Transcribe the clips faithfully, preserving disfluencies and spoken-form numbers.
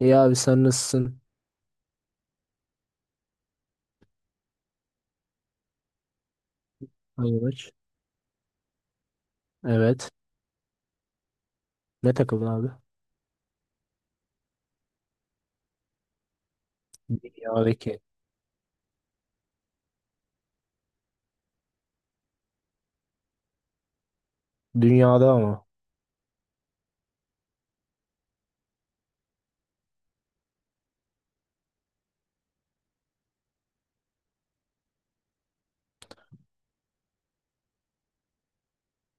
İyi abi sen nasılsın? Hayır. Evet. Ne takımın abi? Dünyadaki. Dünyada ama.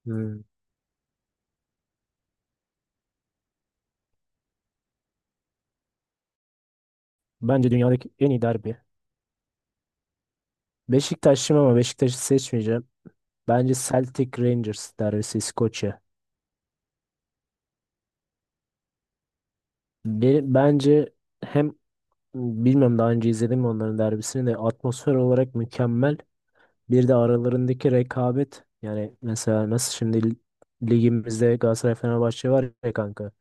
Hmm. Bence dünyadaki en iyi derbi. Beşiktaş'ım ama Beşiktaş'ı seçmeyeceğim. Bence Celtic Rangers derbisi İskoçya. Be- Bence hem bilmem daha önce izledim mi onların derbisini de atmosfer olarak mükemmel. Bir de aralarındaki rekabet. Yani mesela nasıl şimdi ligimizde Galatasaray Fenerbahçe var ya kanka.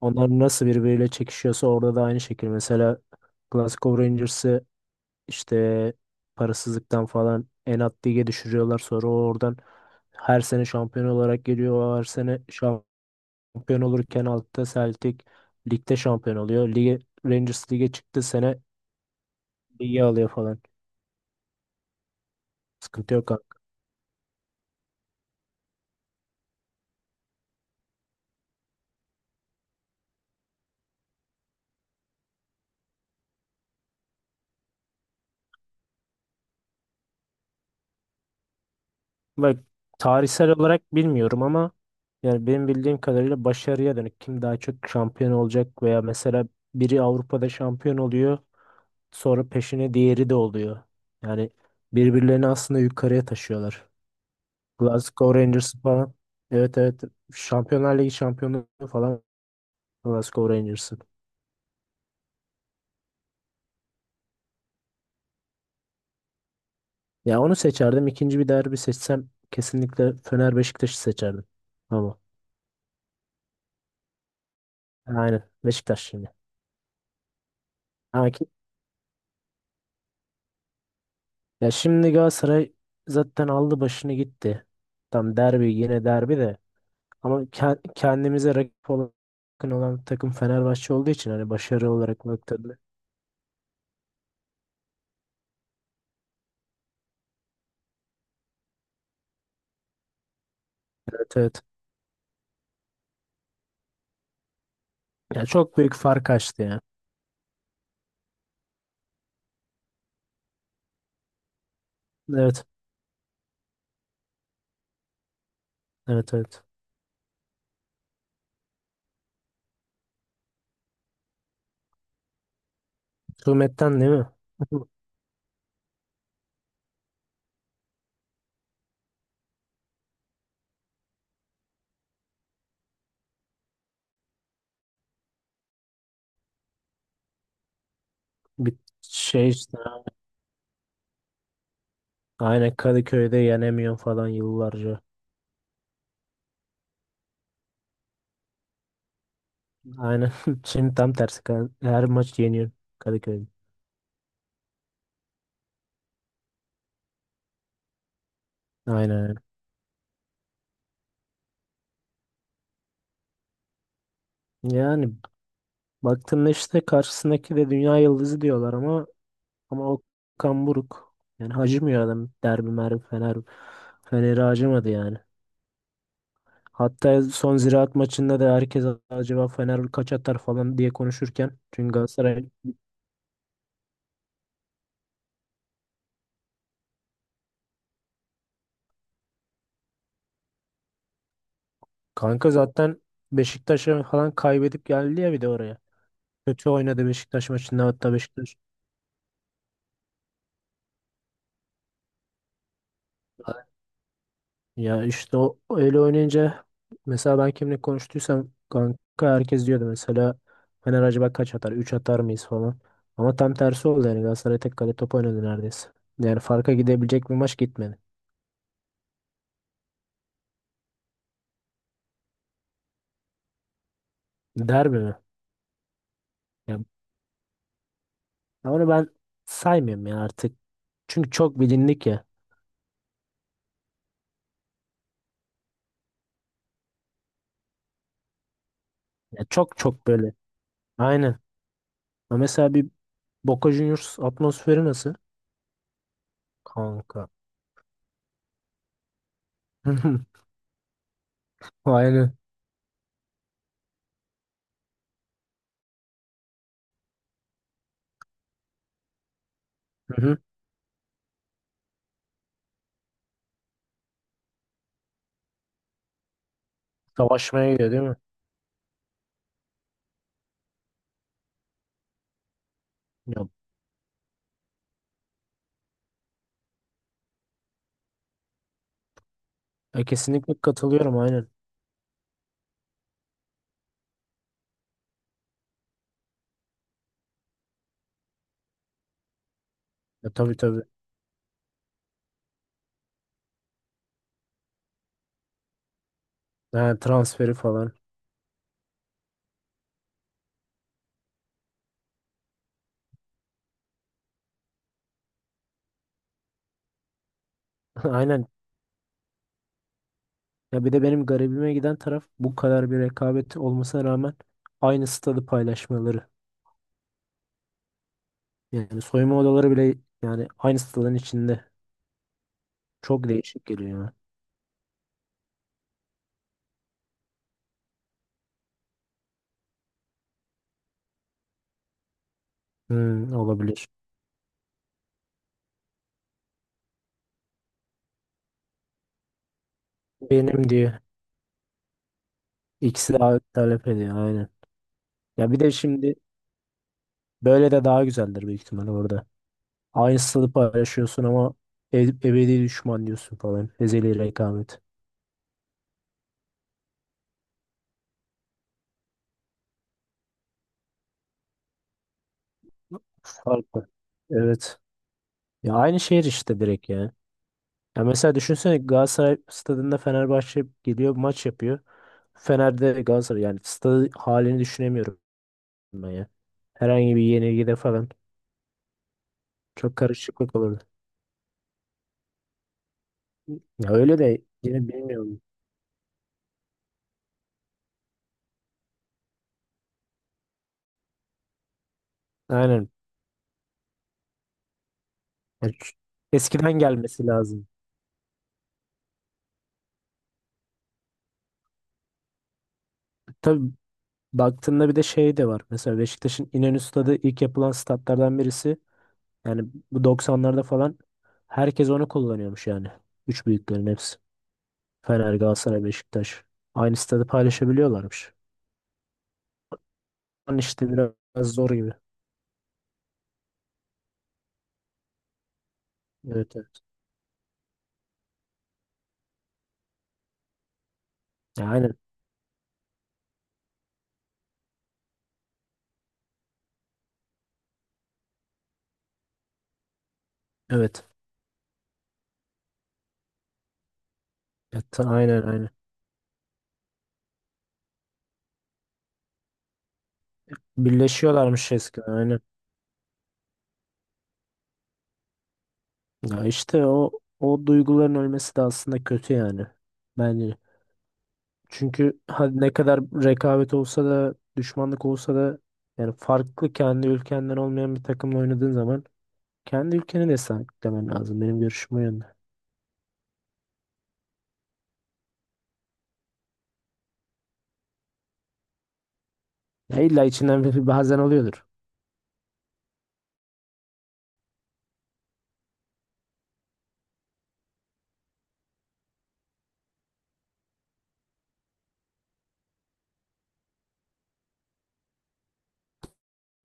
Onlar nasıl birbiriyle çekişiyorsa orada da aynı şekilde. Mesela Glasgow Rangers'ı işte parasızlıktan falan en alt lige düşürüyorlar. Sonra o oradan her sene şampiyon olarak geliyor. O her sene şampiyon olurken altta Celtic ligde şampiyon oluyor. Lige, Rangers lige çıktı sene ligi alıyor falan. Sıkıntı yok kanka. Bak tarihsel olarak bilmiyorum ama yani benim bildiğim kadarıyla başarıya dönük. Kim daha çok şampiyon olacak veya mesela biri Avrupa'da şampiyon oluyor. Sonra peşine diğeri de oluyor. Yani birbirlerini aslında yukarıya taşıyorlar. Glasgow Rangers falan. Evet, evet. Şampiyonlar Ligi şampiyonu falan Glasgow Rangers'ın. Ya onu seçerdim. İkinci bir derbi seçsem kesinlikle Fener Beşiktaş'ı seçerdim. Ama aynen Beşiktaş şimdi. Ha ki- Ya şimdi Galatasaray zaten aldı başını gitti. Tam derbi yine derbi de. Ama ke- kendimize rakip olan, yakın olan takım Fenerbahçe olduğu için hani başarı olarak baktığında. Evet, evet. Ya çok büyük fark açtı ya. Evet. Evet, evet. Hükümetten değil mi? Bir şey işte. Aynen Kadıköy'de yenemiyor falan yıllarca. Aynen. Şimdi tam tersi. Ka- Her maç yeniyor Kadıköy'de. Aynen, aynen. Yani baktığında işte karşısındaki de dünya yıldızı diyorlar ama ama Okan Buruk. Yani acımıyor adam. Derbi merbi Fener Fener'i acımadı yani. Hatta son Ziraat maçında da herkes acaba Fener kaç atar falan diye konuşurken çünkü Galatasaray. Kanka zaten Beşiktaş'a falan kaybedip geldi ya bir de oraya. Kötü oynadı Beşiktaş maçında hatta Beşiktaş. Ya işte o öyle oynayınca mesela ben kimle konuştuysam kanka herkes diyordu mesela Fener acaba kaç atar? Üç atar mıyız falan. Ama tam tersi oldu yani Galatasaray tek kale top oynadı neredeyse. Yani farka gidebilecek bir maç gitmedi. Derbi mi? Ya onu ben saymıyorum ya artık. Çünkü çok bilindik ya. Ya çok çok böyle. Aynen. Ama mesela bir Boca Juniors atmosferi nasıl? Kanka. Aynen. Hı hı. Savaşmaya gidiyor değil mi? Ya, e, Kesinlikle katılıyorum aynen. Ya, tabii tabii. Ha, transferi falan. Aynen. Ya bir de benim garibime giden taraf bu kadar bir rekabet olmasına rağmen aynı stadı paylaşmaları. Yani soyunma odaları bile yani aynı stadın içinde. Çok değişik geliyor ya. Hmm, olabilir. Benim diye. İkisi de abi talep ediyor aynen. Ya bir de şimdi böyle de daha güzeldir büyük ihtimalle orada. Aynı stadı paylaşıyorsun ama e- ebedi düşman diyorsun falan. Ezeli rekabet. Farklı. Evet. Ya aynı şehir işte direkt ya. Ya mesela düşünsene Galatasaray stadında Fenerbahçe geliyor maç yapıyor. Fener'de Galatasaray yani stadı halini düşünemiyorum ben ya. Herhangi bir yenilgide falan çok karışıklık olurdu. Ya öyle de yine bilmiyorum. Aynen. Ya ç- Eskiden gelmesi lazım. Tabii baktığında bir de şey de var. Mesela Beşiktaş'ın İnönü Stadı ilk yapılan statlardan birisi. Yani bu doksanlarda falan herkes onu kullanıyormuş yani. Üç büyüklerin hepsi. Fener, Galatasaray, Beşiktaş. Aynı stadı paylaşabiliyorlarmış. Yani işte biraz zor gibi. Evet, evet. Ya aynen. Evet. Ya ta- aynen aynen. Birleşiyorlarmış eskiden aynen. Ya işte o o duyguların ölmesi de aslında kötü yani. Bence. Çünkü hadi ne kadar rekabet olsa da düşmanlık olsa da yani farklı kendi ülkenden olmayan bir takımla oynadığın zaman kendi ülkeni de sahiplenmen lazım. Benim görüşüm o yönde. Ya illa içinden bir, bir bazen oluyordur.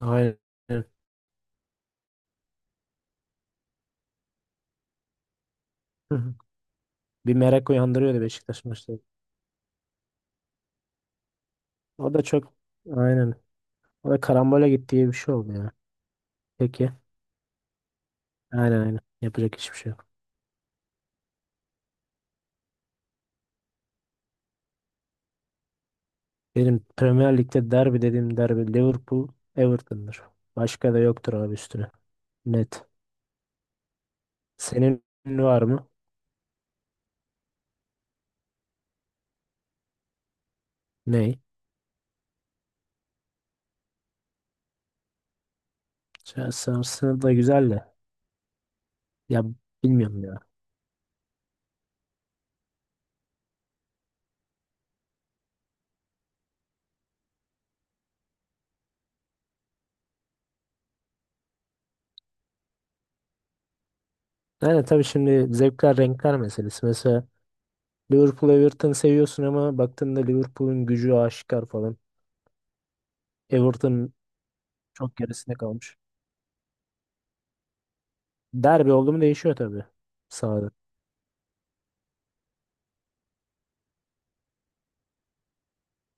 Aynen. Hı hı. Bir merak uyandırıyordu Beşiktaş maçları. O da çok aynen. O da karambole gittiği bir şey oldu ya. Peki. Aynen, aynen. Yapacak hiçbir şey yok. Benim Premier Lig'de derbi dediğim derbi Liverpool Everton'dır. Başka da yoktur abi üstüne. Net. Senin var mı? Ney? Chelsea Arsenal da güzel de. Ya bilmiyorum ya. Yani tabii şimdi zevkler renkler meselesi. Mesela Liverpool Everton seviyorsun ama baktığında Liverpool'un gücü aşikar falan. Everton çok gerisinde kalmış. Derbi oldu mu değişiyor tabii sahada.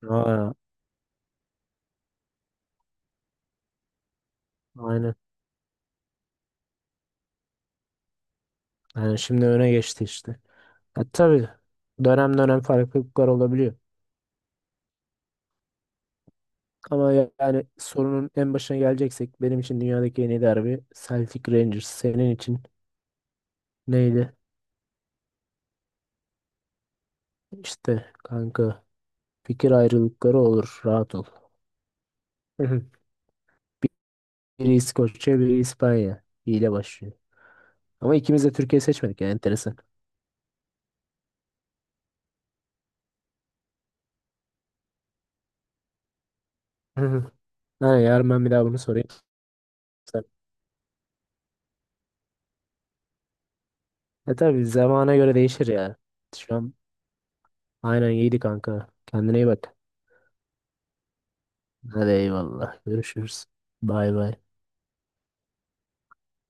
Aa, aynen. Yani şimdi öne geçti işte. Ya, tabii dönem dönem farklılıklar olabiliyor. Ama ya- yani sorunun en başına geleceksek benim için dünyadaki en iyi derbi Celtic Rangers. Senin için neydi? İşte kanka fikir ayrılıkları olur rahat ol. Biri İskoçya biri İspanya. İyi başlıyor. Ama ikimiz de Türkiye seçmedik yani enteresan. Hı hı. Ha, yarın ben bir daha bunu sorayım. Sen- E tabii zamana göre değişir ya. Şu an aynen iyiydi kanka. Kendine iyi bak. Hadi eyvallah. Görüşürüz. Bay bay.